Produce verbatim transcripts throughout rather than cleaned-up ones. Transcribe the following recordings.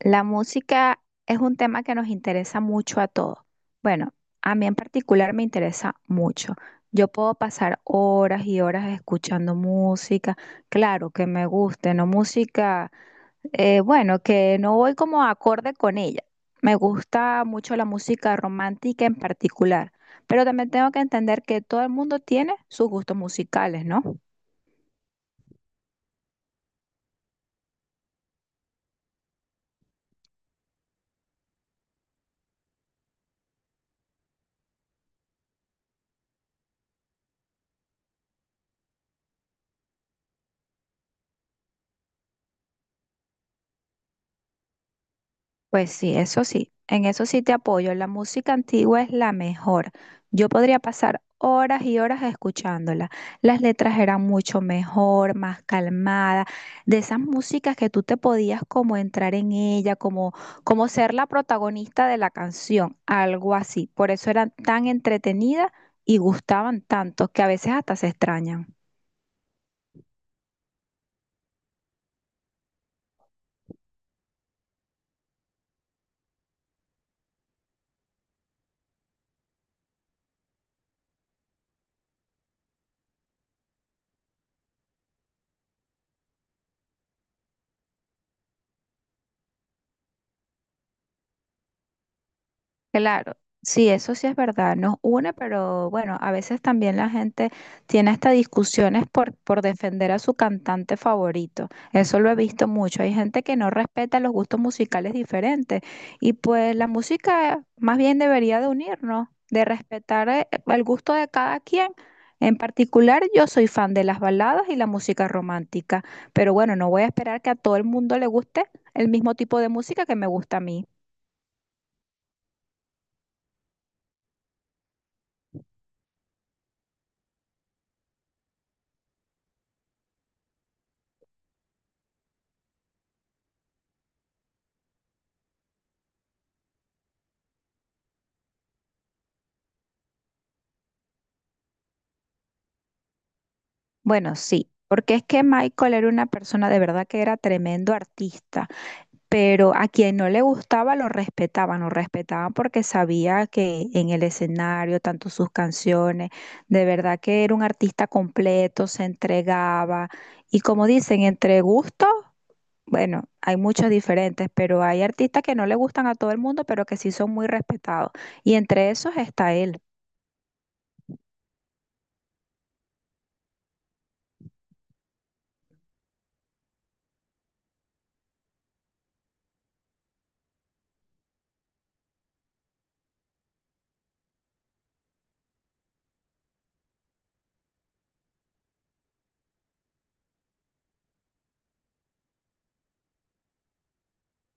La música es un tema que nos interesa mucho a todos. Bueno, a mí en particular me interesa mucho. Yo puedo pasar horas y horas escuchando música, claro que me guste, no música, eh, bueno, que no voy como acorde con ella. Me gusta mucho la música romántica en particular, pero también tengo que entender que todo el mundo tiene sus gustos musicales, ¿no? Pues sí, eso sí, en eso sí te apoyo. La música antigua es la mejor. Yo podría pasar horas y horas escuchándola. Las letras eran mucho mejor, más calmadas, de esas músicas que tú te podías como entrar en ella, como, como ser la protagonista de la canción, algo así. Por eso eran tan entretenidas y gustaban tanto que a veces hasta se extrañan. Claro, sí, eso sí es verdad, nos une, pero bueno, a veces también la gente tiene hasta discusiones por, por defender a su cantante favorito. Eso lo he visto mucho. Hay gente que no respeta los gustos musicales diferentes y pues la música más bien debería de unirnos, de respetar eh, el gusto de cada quien. En particular, yo soy fan de las baladas y la música romántica, pero bueno, no voy a esperar que a todo el mundo le guste el mismo tipo de música que me gusta a mí. Bueno, sí, porque es que Michael era una persona de verdad que era tremendo artista, pero a quien no le gustaba lo respetaban, lo respetaban porque sabía que en el escenario, tanto sus canciones, de verdad que era un artista completo, se entregaba y como dicen, entre gustos, bueno, hay muchos diferentes, pero hay artistas que no le gustan a todo el mundo, pero que sí son muy respetados y entre esos está él.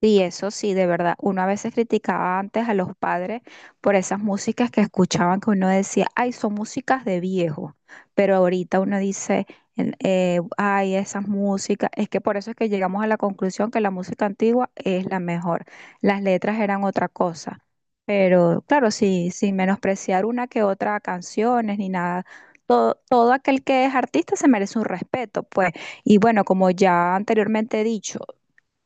Y eso sí, de verdad, uno a veces criticaba antes a los padres por esas músicas que escuchaban que uno decía, ay, son músicas de viejo, pero ahorita uno dice, en- eh, ay, esas músicas, es que por eso es que llegamos a la conclusión que la música antigua es la mejor, las letras eran otra cosa, pero claro, sí, sin menospreciar una que otra canciones ni nada. Todo, todo aquel que es artista se merece un respeto, pues. Y bueno, como ya anteriormente he dicho,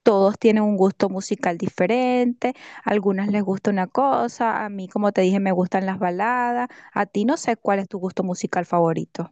todos tienen un gusto musical diferente, a algunas les gusta una cosa, a mí, como te dije, me gustan las baladas, a ti no sé cuál es tu gusto musical favorito.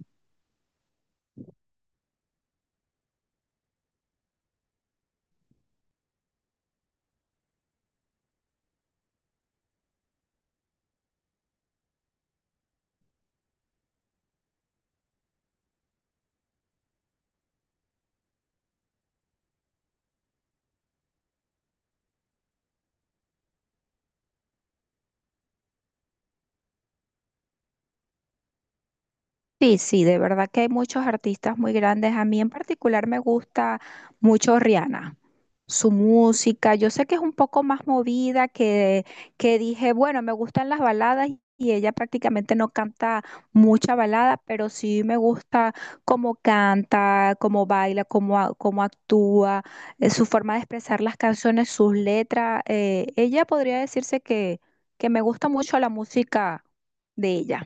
Sí, sí, de verdad que hay muchos artistas muy grandes. A mí en particular me gusta mucho Rihanna. Su música. Yo sé que es un poco más movida que, que dije, bueno, me gustan las baladas y ella prácticamente no canta mucha balada, pero sí me gusta cómo canta, cómo baila, cómo, a- cómo actúa, eh, su forma de expresar las canciones, sus letras. Eh, ella podría decirse que, que me gusta mucho la música de ella.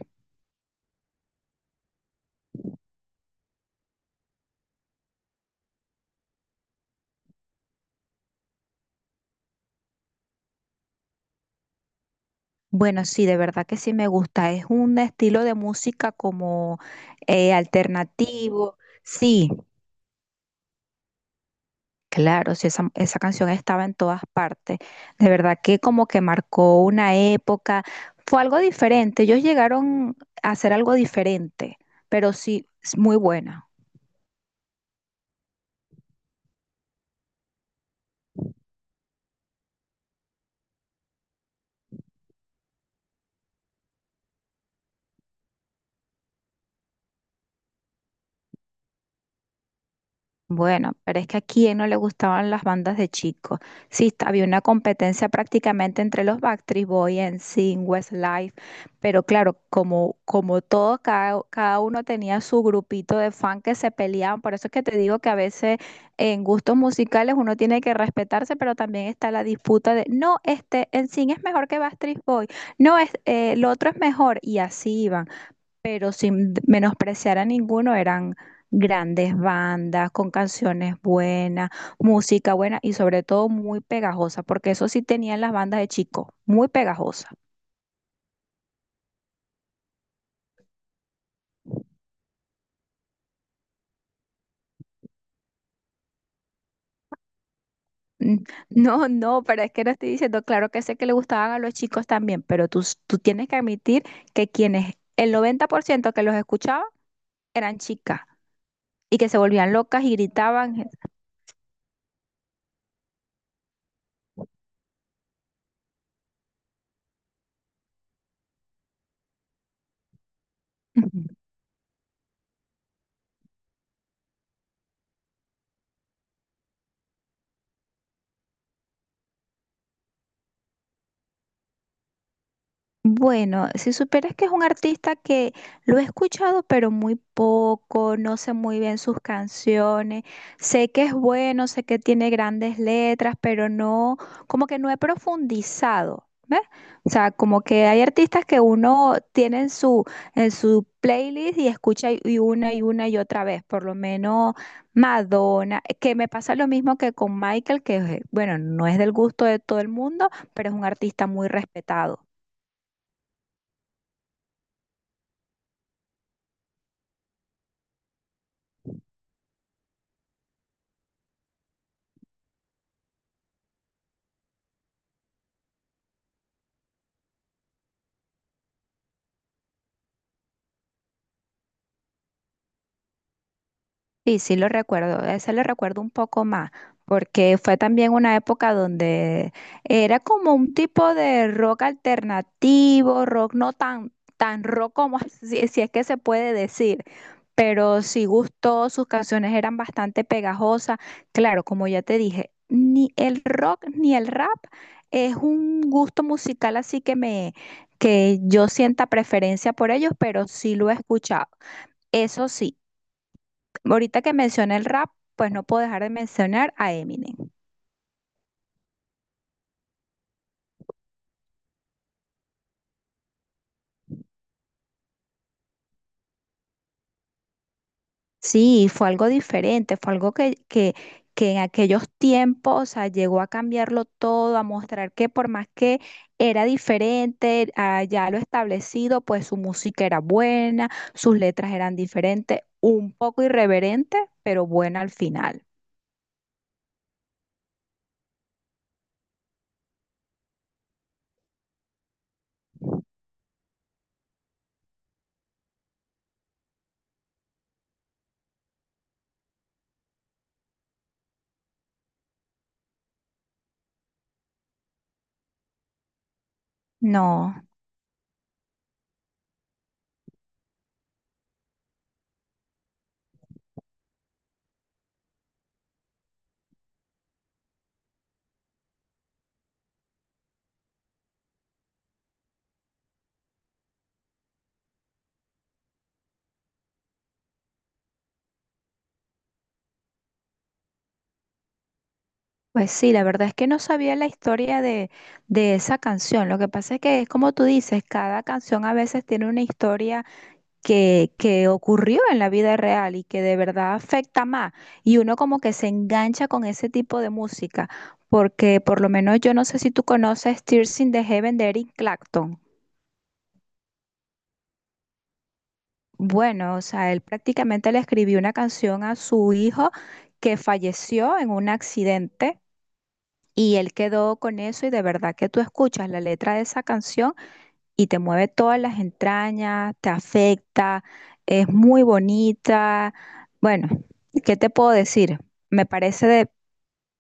Bueno, sí, de verdad que sí me gusta. Es un estilo de música como eh, alternativo. Sí, claro, sí, esa, esa canción estaba en todas partes. De verdad que como que marcó una época. Fue algo diferente. Ellos llegaron a hacer algo diferente, pero sí, es muy buena. Bueno, pero es que a quién no le gustaban las bandas de chicos. Sí, está- había una competencia prácticamente entre los Backstreet Boys, N sync, Westlife, pero claro, como, como todos, cada, cada uno tenía su grupito de fan que se peleaban. Por eso es que te digo que a veces en gustos musicales uno tiene que respetarse, pero también está la disputa de, no, este en sync es mejor que Backstreet Boys, no, es, eh, el otro es mejor, y así iban pero sin menospreciar a ninguno, eran grandes bandas con canciones buenas, música buena y sobre todo muy pegajosa, porque eso sí tenían las bandas de chico, muy pegajosa. Mm, no, no, pero es que no estoy diciendo, claro que sé que le gustaban a los chicos también, pero tú, s- tú tienes que admitir que quienes, el noventa por ciento que los escuchaba eran chicas y que se volvían locas y gritaban. Bueno, si supieras que es un artista que lo he escuchado, pero muy poco, no sé muy bien sus canciones, sé que es bueno, sé que tiene grandes letras, pero no, como que no he profundizado, ¿ves? O sea, como que hay artistas que uno tiene en su, en su playlist y escucha y y una y una y otra vez, por lo menos Madonna, que me pasa lo mismo que con Michael, que bueno, no es del gusto de todo el mundo, pero es un artista muy respetado. Sí, sí lo recuerdo, ese lo recuerdo un poco más, porque fue también una época donde era como un tipo de rock alternativo, rock no tan, tan rock como si, si es que se puede decir, pero sí gustó, sus canciones eran bastante pegajosas. Claro, como ya te dije, ni el rock ni el rap es un gusto musical así que me, que yo sienta preferencia por ellos, pero sí lo he escuchado. Eso sí. Ahorita que mencioné el rap, pues no puedo dejar de mencionar a Eminem. Sí, fue algo diferente, fue algo que, que, que en aquellos tiempos, o sea, llegó a cambiarlo todo, a mostrar que por más que era diferente a ya lo establecido, pues su música era buena, sus letras eran diferentes, un poco irreverente, pero buena al final. No, pues sí, la verdad es que no sabía la historia de, de esa canción. Lo que pasa es que es como tú dices, cada canción a veces tiene una historia. Que, que ocurrió en la vida real y que de verdad afecta más. Y uno como que se engancha con ese tipo de música, porque por lo menos yo no sé si tú conoces Tears in the Heaven de Eric Clapton. Bueno, o sea, él prácticamente le escribió una canción a su hijo que falleció en un accidente. Y él quedó con eso y de verdad que tú escuchas la letra de esa canción y te mueve todas las entrañas, te afecta, es muy bonita. Bueno, ¿qué te puedo decir? Me parece de,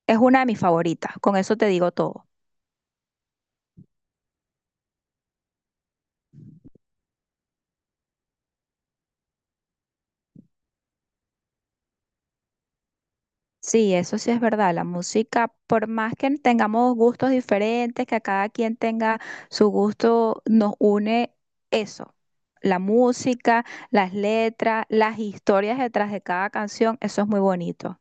es una de mis favoritas, con eso te digo todo. Sí, eso sí es verdad. La música, por más que tengamos gustos diferentes, que a cada quien tenga su gusto, nos une eso. La música, las letras, las historias detrás de cada canción, eso es muy bonito.